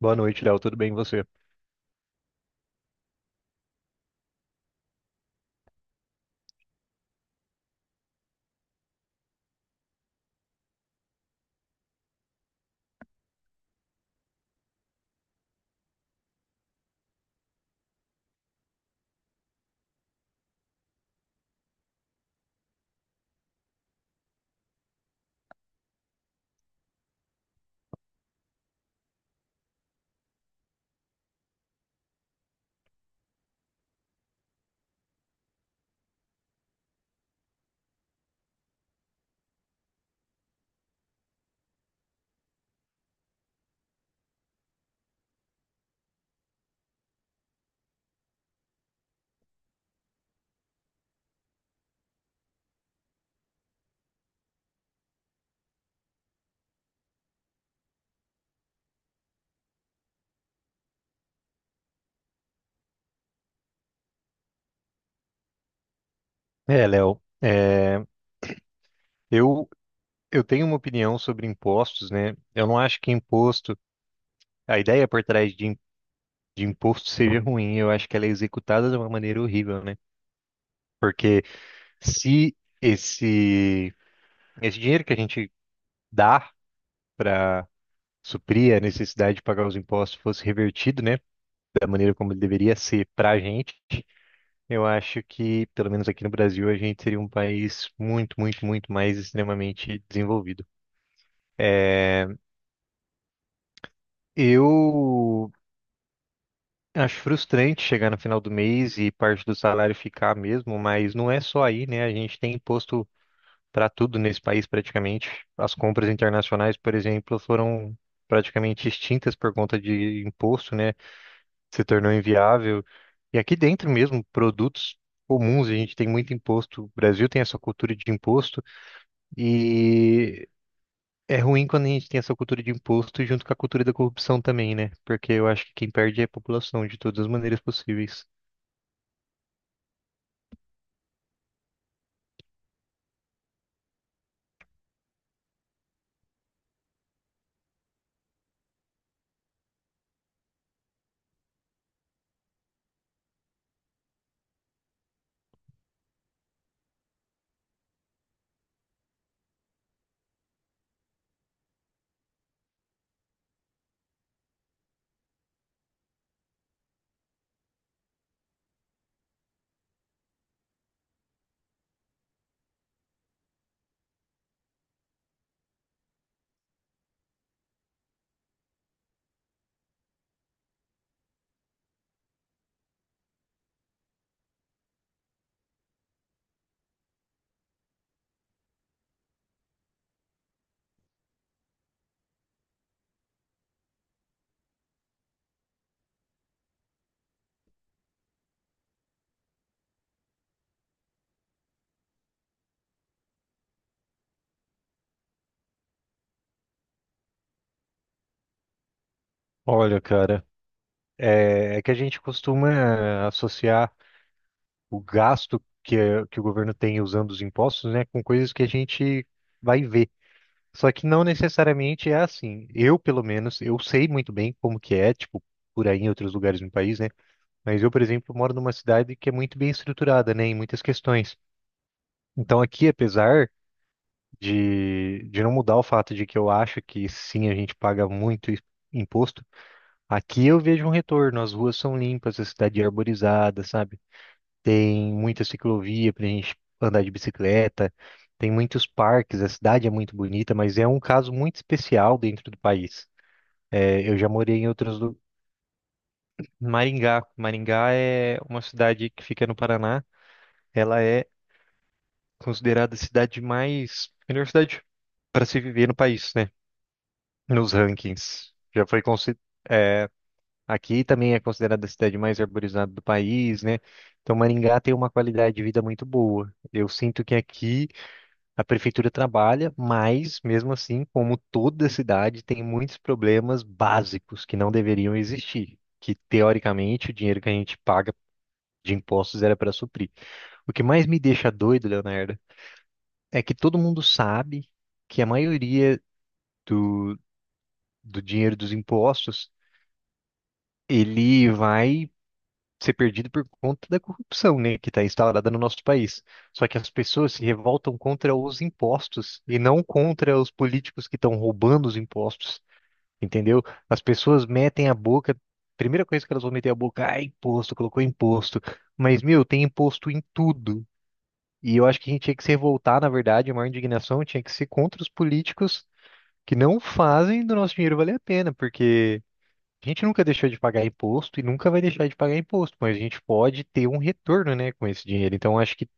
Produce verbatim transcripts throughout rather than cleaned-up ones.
Boa noite, Léo. Tudo bem e você? É, Léo, é, eu, eu tenho uma opinião sobre impostos, né? Eu não acho que imposto, a ideia por trás de, im- de imposto seja ruim, eu acho que ela é executada de uma maneira horrível, né? Porque se esse, esse dinheiro que a gente dá para suprir a necessidade de pagar os impostos fosse revertido, né? Da maneira como ele deveria ser para a gente, eu acho que, pelo menos aqui no Brasil, a gente seria um país muito, muito, muito mais extremamente desenvolvido. É, eu acho frustrante chegar no final do mês e parte do salário ficar mesmo, mas não é só aí, né? A gente tem imposto para tudo nesse país praticamente. As compras internacionais, por exemplo, foram praticamente extintas por conta de imposto, né? Se tornou inviável. E aqui dentro mesmo, produtos comuns, a gente tem muito imposto. O Brasil tem essa cultura de imposto e é ruim quando a gente tem essa cultura de imposto junto com a cultura da corrupção também, né? Porque eu acho que quem perde é a população de todas as maneiras possíveis. Olha, cara, é, é que a gente costuma associar o gasto que, é- que o governo tem usando os impostos, né, com coisas que a gente vai ver. Só que não necessariamente é assim. Eu, pelo menos, eu sei muito bem como que é, tipo, por aí em outros lugares no país, né? Mas eu, por exemplo, moro numa cidade que é muito bem estruturada, né, em muitas questões. Então aqui, apesar de, de não mudar o fato de que eu acho que sim, a gente paga muito i- imposto. Aqui eu vejo um retorno, as ruas são limpas, a cidade é arborizada, sabe? Tem muita ciclovia pra gente andar de bicicleta, tem muitos parques, a cidade é muito bonita, mas é um caso muito especial dentro do país. É, eu já morei em outros lu- Maringá. Maringá é uma cidade que fica no Paraná. Ela é considerada a cidade mais, melhor cidade para se viver no país, né? Nos rankings. Já foi consi- é, Aqui também é considerada a cidade mais arborizada do país, né? Então Maringá tem uma qualidade de vida muito boa. Eu sinto que aqui a prefeitura trabalha, mas mesmo assim, como toda cidade, tem muitos problemas básicos que não deveriam existir, que teoricamente o dinheiro que a gente paga de impostos era para suprir. O que mais me deixa doido, Leonardo, é que todo mundo sabe que a maioria do, do dinheiro dos impostos ele vai ser perdido por conta da corrupção, né, que está instalada no nosso país. Só que as pessoas se revoltam contra os impostos e não contra os políticos que estão roubando os impostos, entendeu? As pessoas metem a boca, primeira coisa que elas vão meter a boca, ah, imposto, colocou imposto. Mas, meu, tem imposto em tudo. E eu acho que a gente tinha que se revoltar, na verdade, a maior indignação tinha que ser contra os políticos que não fazem do nosso dinheiro valer a pena, porque a gente nunca deixou de pagar imposto e nunca vai deixar de pagar imposto, mas a gente pode ter um retorno, né, com esse dinheiro. Então, acho que,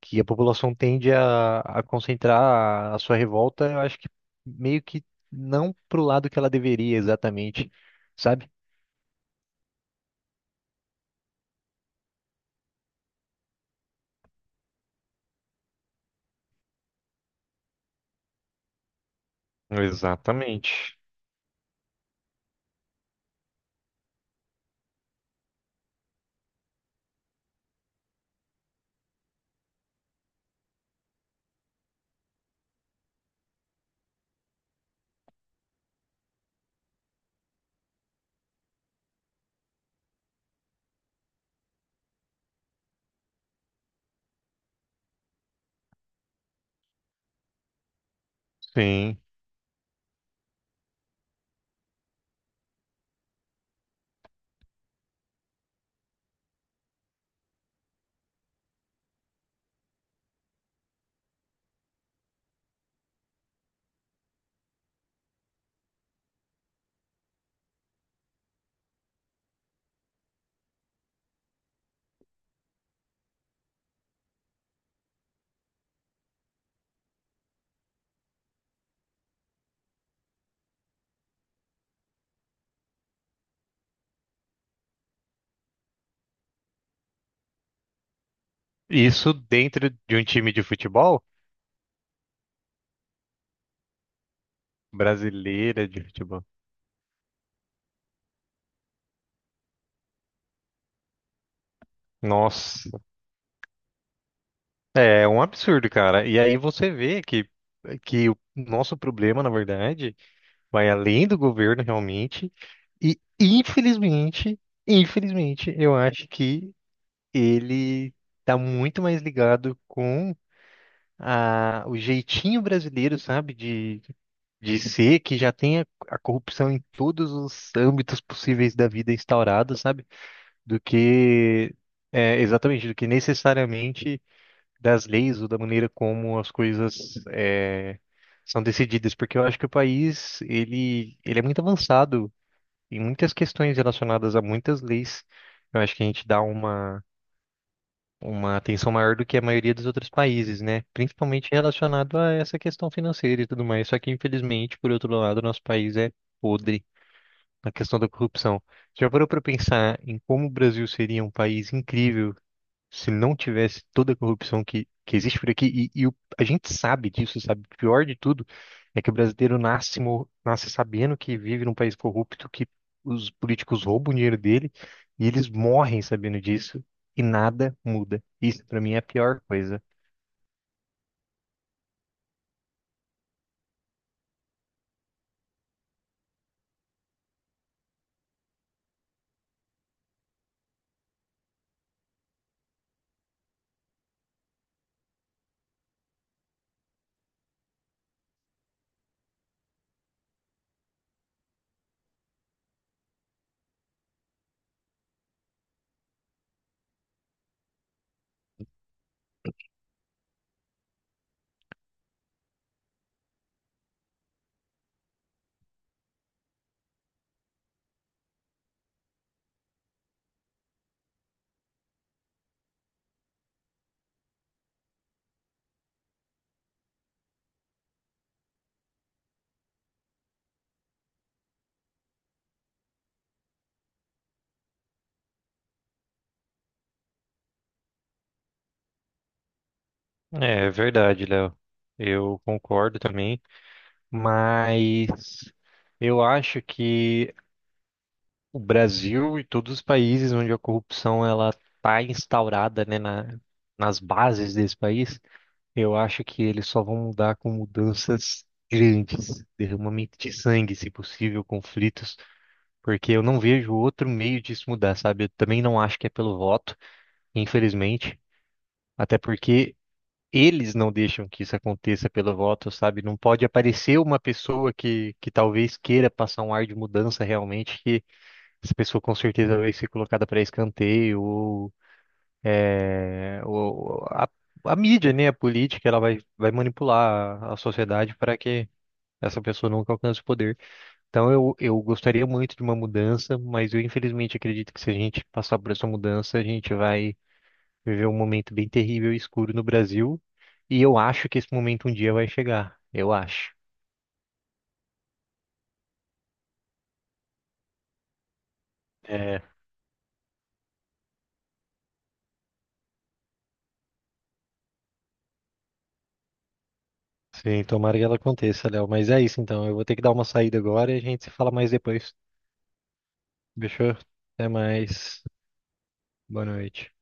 que a população tende a, a concentrar a sua revolta, eu acho que meio que não pro lado que ela deveria exatamente, sabe? Exatamente. Sim. Isso dentro de um time de futebol? Brasileira de futebol. Nossa. É um absurdo, cara. E aí você vê que, que o nosso problema, na verdade, vai além do governo realmente. E infelizmente, infelizmente, eu acho que ele tá muito mais ligado com a, o jeitinho brasileiro, sabe, de, de ser, que já tem a, a corrupção em todos os âmbitos possíveis da vida instaurada, sabe, do que é, exatamente, do que necessariamente das leis ou da maneira como as coisas é, são decididas, porque eu acho que o país ele, ele é muito avançado, tem muitas questões relacionadas a muitas leis. Eu acho que a gente dá uma, uma atenção maior do que a maioria dos outros países, né? Principalmente relacionado a essa questão financeira e tudo mais. Só que, infelizmente, por outro lado, nosso país é podre na questão da corrupção. Você já parou para pensar em como o Brasil seria um país incrível se não tivesse toda a corrupção que, que existe por aqui, e, e o- a gente sabe disso, sabe? O pior de tudo é que o brasileiro nasce, mo- nasce sabendo que vive num país corrupto, que os políticos roubam o dinheiro dele, e eles morrem sabendo disso, e nada muda. Isso, pra mim, é a pior coisa. É, é verdade, Léo. Eu concordo também. Mas eu acho que o Brasil e todos os países onde a corrupção ela está instaurada, né, na, nas bases desse país, eu acho que eles só vão mudar com mudanças grandes, derramamento de sangue, se possível, conflitos, porque eu não vejo outro meio disso mudar, sabe? Eu também não acho que é pelo voto, infelizmente, até porque eles não deixam que isso aconteça pelo voto, sabe? Não pode aparecer uma pessoa que, que talvez queira passar um ar de mudança realmente que essa pessoa com certeza vai ser colocada para escanteio, ou, é, ou a, a mídia, né, a política, ela vai, vai manipular a, a sociedade para que essa pessoa nunca alcance o poder. Então eu, eu gostaria muito de uma mudança, mas eu infelizmente acredito que se a gente passar por essa mudança, a gente vai viver um momento bem terrível e escuro no Brasil, e eu acho que esse momento um dia vai chegar, eu acho. É, sim, tomara que ela aconteça, Léo. Mas é isso então, eu vou ter que dar uma saída agora e a gente se fala mais depois. Fechou? Até mais. Boa noite.